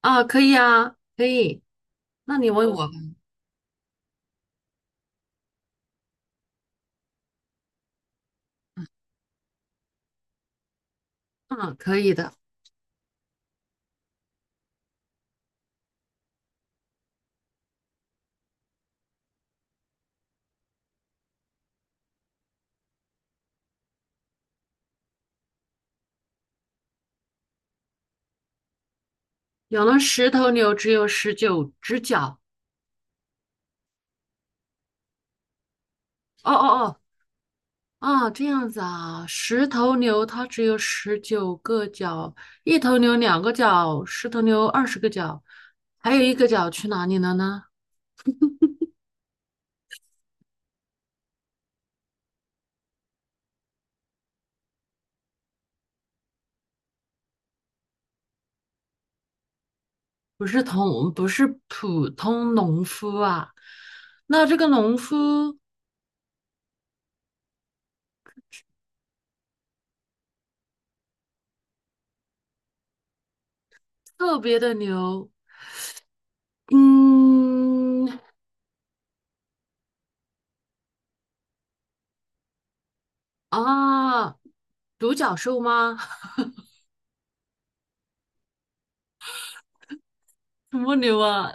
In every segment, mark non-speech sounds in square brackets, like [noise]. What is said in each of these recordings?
啊，可以啊，可以。那你问我吧。嗯，可以的。养了十头牛，只有19只脚。哦哦哦，啊，这样子啊。十头牛它只有19个脚，1头牛2个脚，十头牛20个脚，还有1个脚去哪里了呢？不是普通农夫啊。那这个农夫特别的牛，嗯啊，独角兽吗？[laughs] 什么牛啊？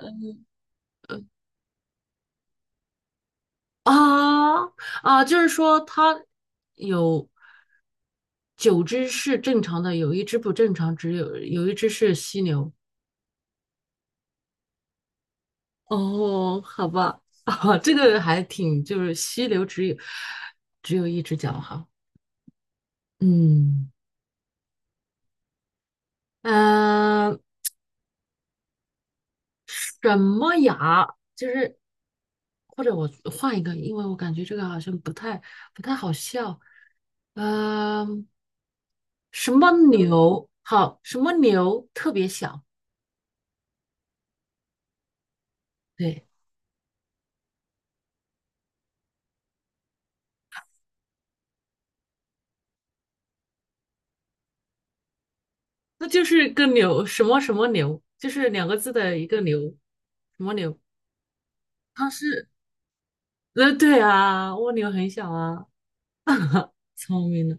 啊啊，就是说它有九只是正常的，有一只不正常，只有一只是犀牛。哦，好吧，[laughs] 啊，这个还挺，就是犀牛只有1只脚哈。嗯，呃，什么牙？就是或者我换一个，因为我感觉这个好像不太好笑。嗯、什么牛？好，什么牛特别小？对。那就是个牛，什么什么牛，就是两个字的一个牛，什么牛？它是，对啊，蜗牛很小啊，聪明的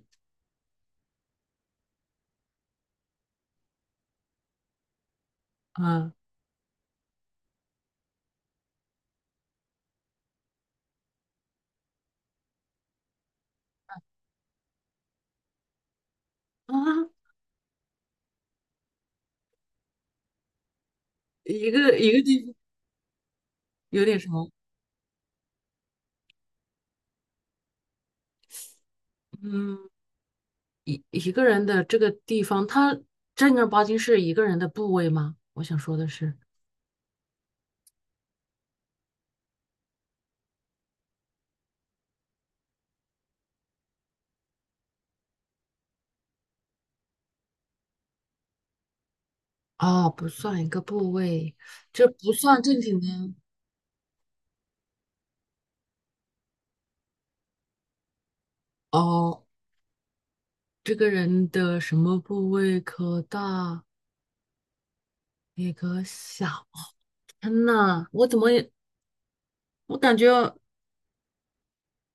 啊啊 [laughs]，一个一个地方有点什么，嗯，一个人的这个地方，它正儿八经是一个人的部位吗？我想说的是，哦，不算一个部位，这不算正经的哦。这个人的什么部位可大也可小？天呐，我怎么也我感觉，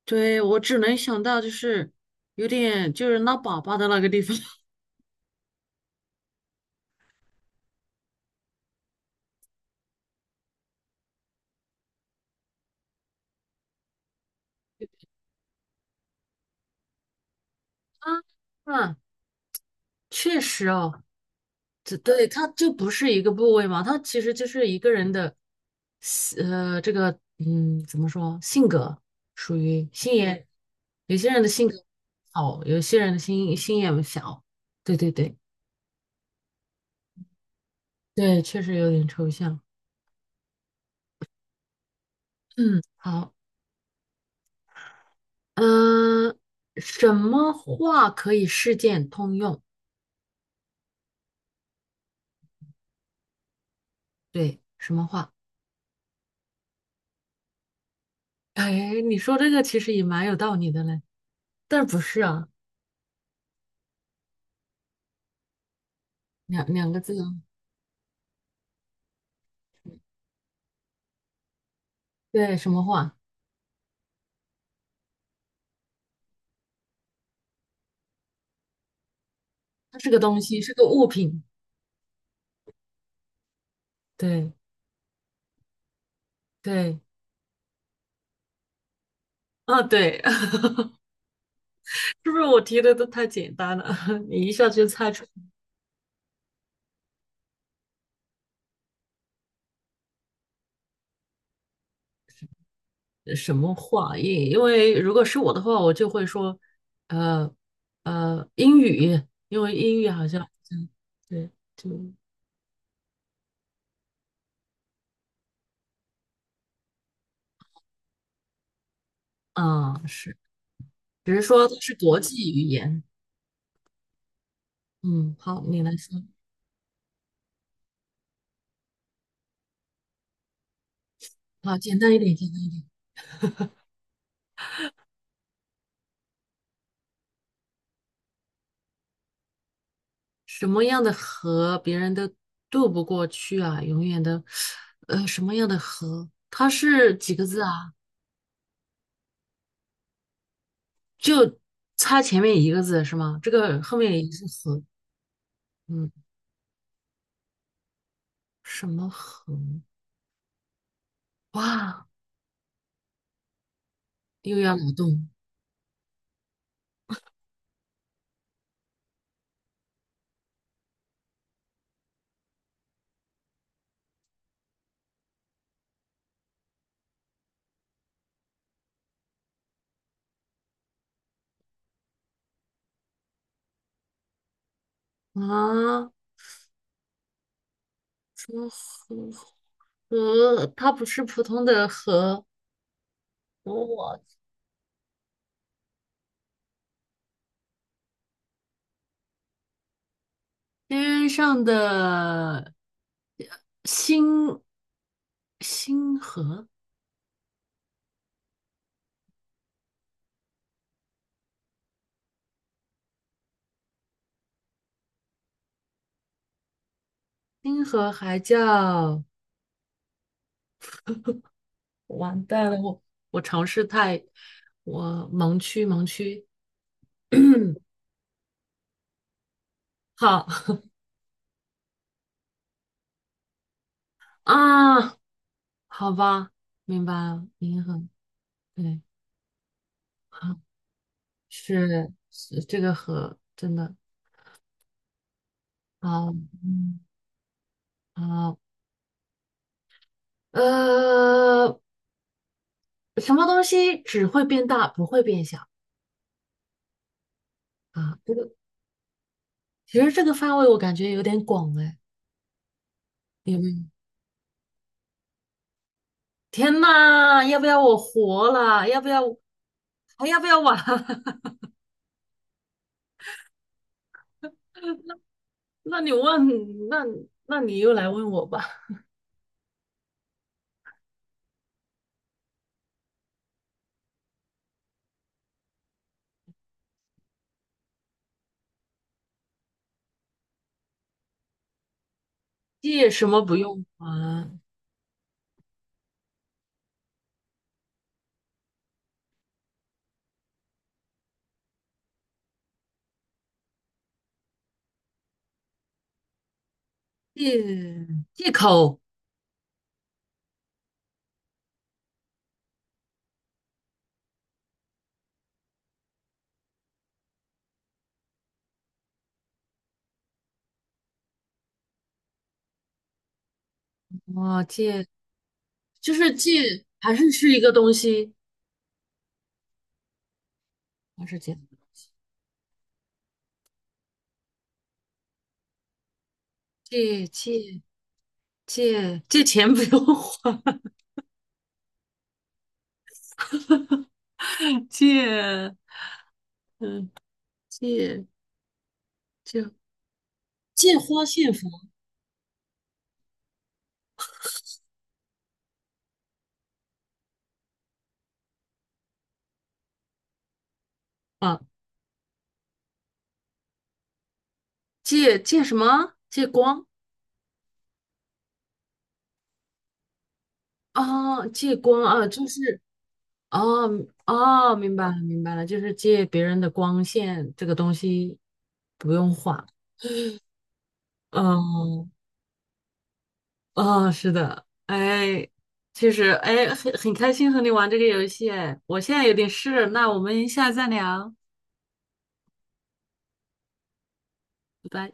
对，我只能想到就是有点就是拉粑粑的那个地方 [laughs] 啊，啊确实哦，这对，它就不是一个部位嘛，它其实就是一个人的这个怎么说，性格属于心眼，有些人的性格好，有些人的心眼小，对对对对，确实有点抽象。嗯，好，嗯、什么话可以事件通用？对，什么话？哎，你说这个其实也蛮有道理的嘞，但是不是啊？两个字啊，对，什么话？它是个东西，是个物品。对对，啊对，[laughs] 是不是我提的都太简单了？[laughs] 你一下就猜出什么话？因为如果是我的话，我就会说，呃英语，因为英语好像，嗯，对，就啊是，只是说它是国际语言。嗯，好，你来说，好，简单一点，简单。什么样的河别人都渡不过去啊，永远都，什么样的河？它是几个字啊？就差前面1个字是吗？这个后面也是河，嗯，什么河？哇，又要脑洞啊！什么河？河，它不是普通的河，我天上的呃星星河，星河还叫。完蛋了，我尝试太，我盲区盲区，[coughs] [clears throat] 好啊，好吧，明白了，平衡，对，好，是这个和真的好，嗯，好，呃，什么东西只会变大不会变小啊？这个其实这个范围我感觉有点广哎，有没有？天呐，要不要我活了？要不要还要不要玩？[laughs] 那你问，那那你又来问我吧。借什么不用还？借借口啊，借就是借，还是一个东西，还是借借借钱不用还，[laughs] 借嗯借借借花献佛啊，借什么？借光啊，借光啊，就是。哦嗯哦，明白了，明白了，就是借别人的光线这个东西不用画。嗯，哦，是的，哎，其实哎，很开心和你玩这个游戏，哎，我现在有点事，那我们下次再聊，拜拜。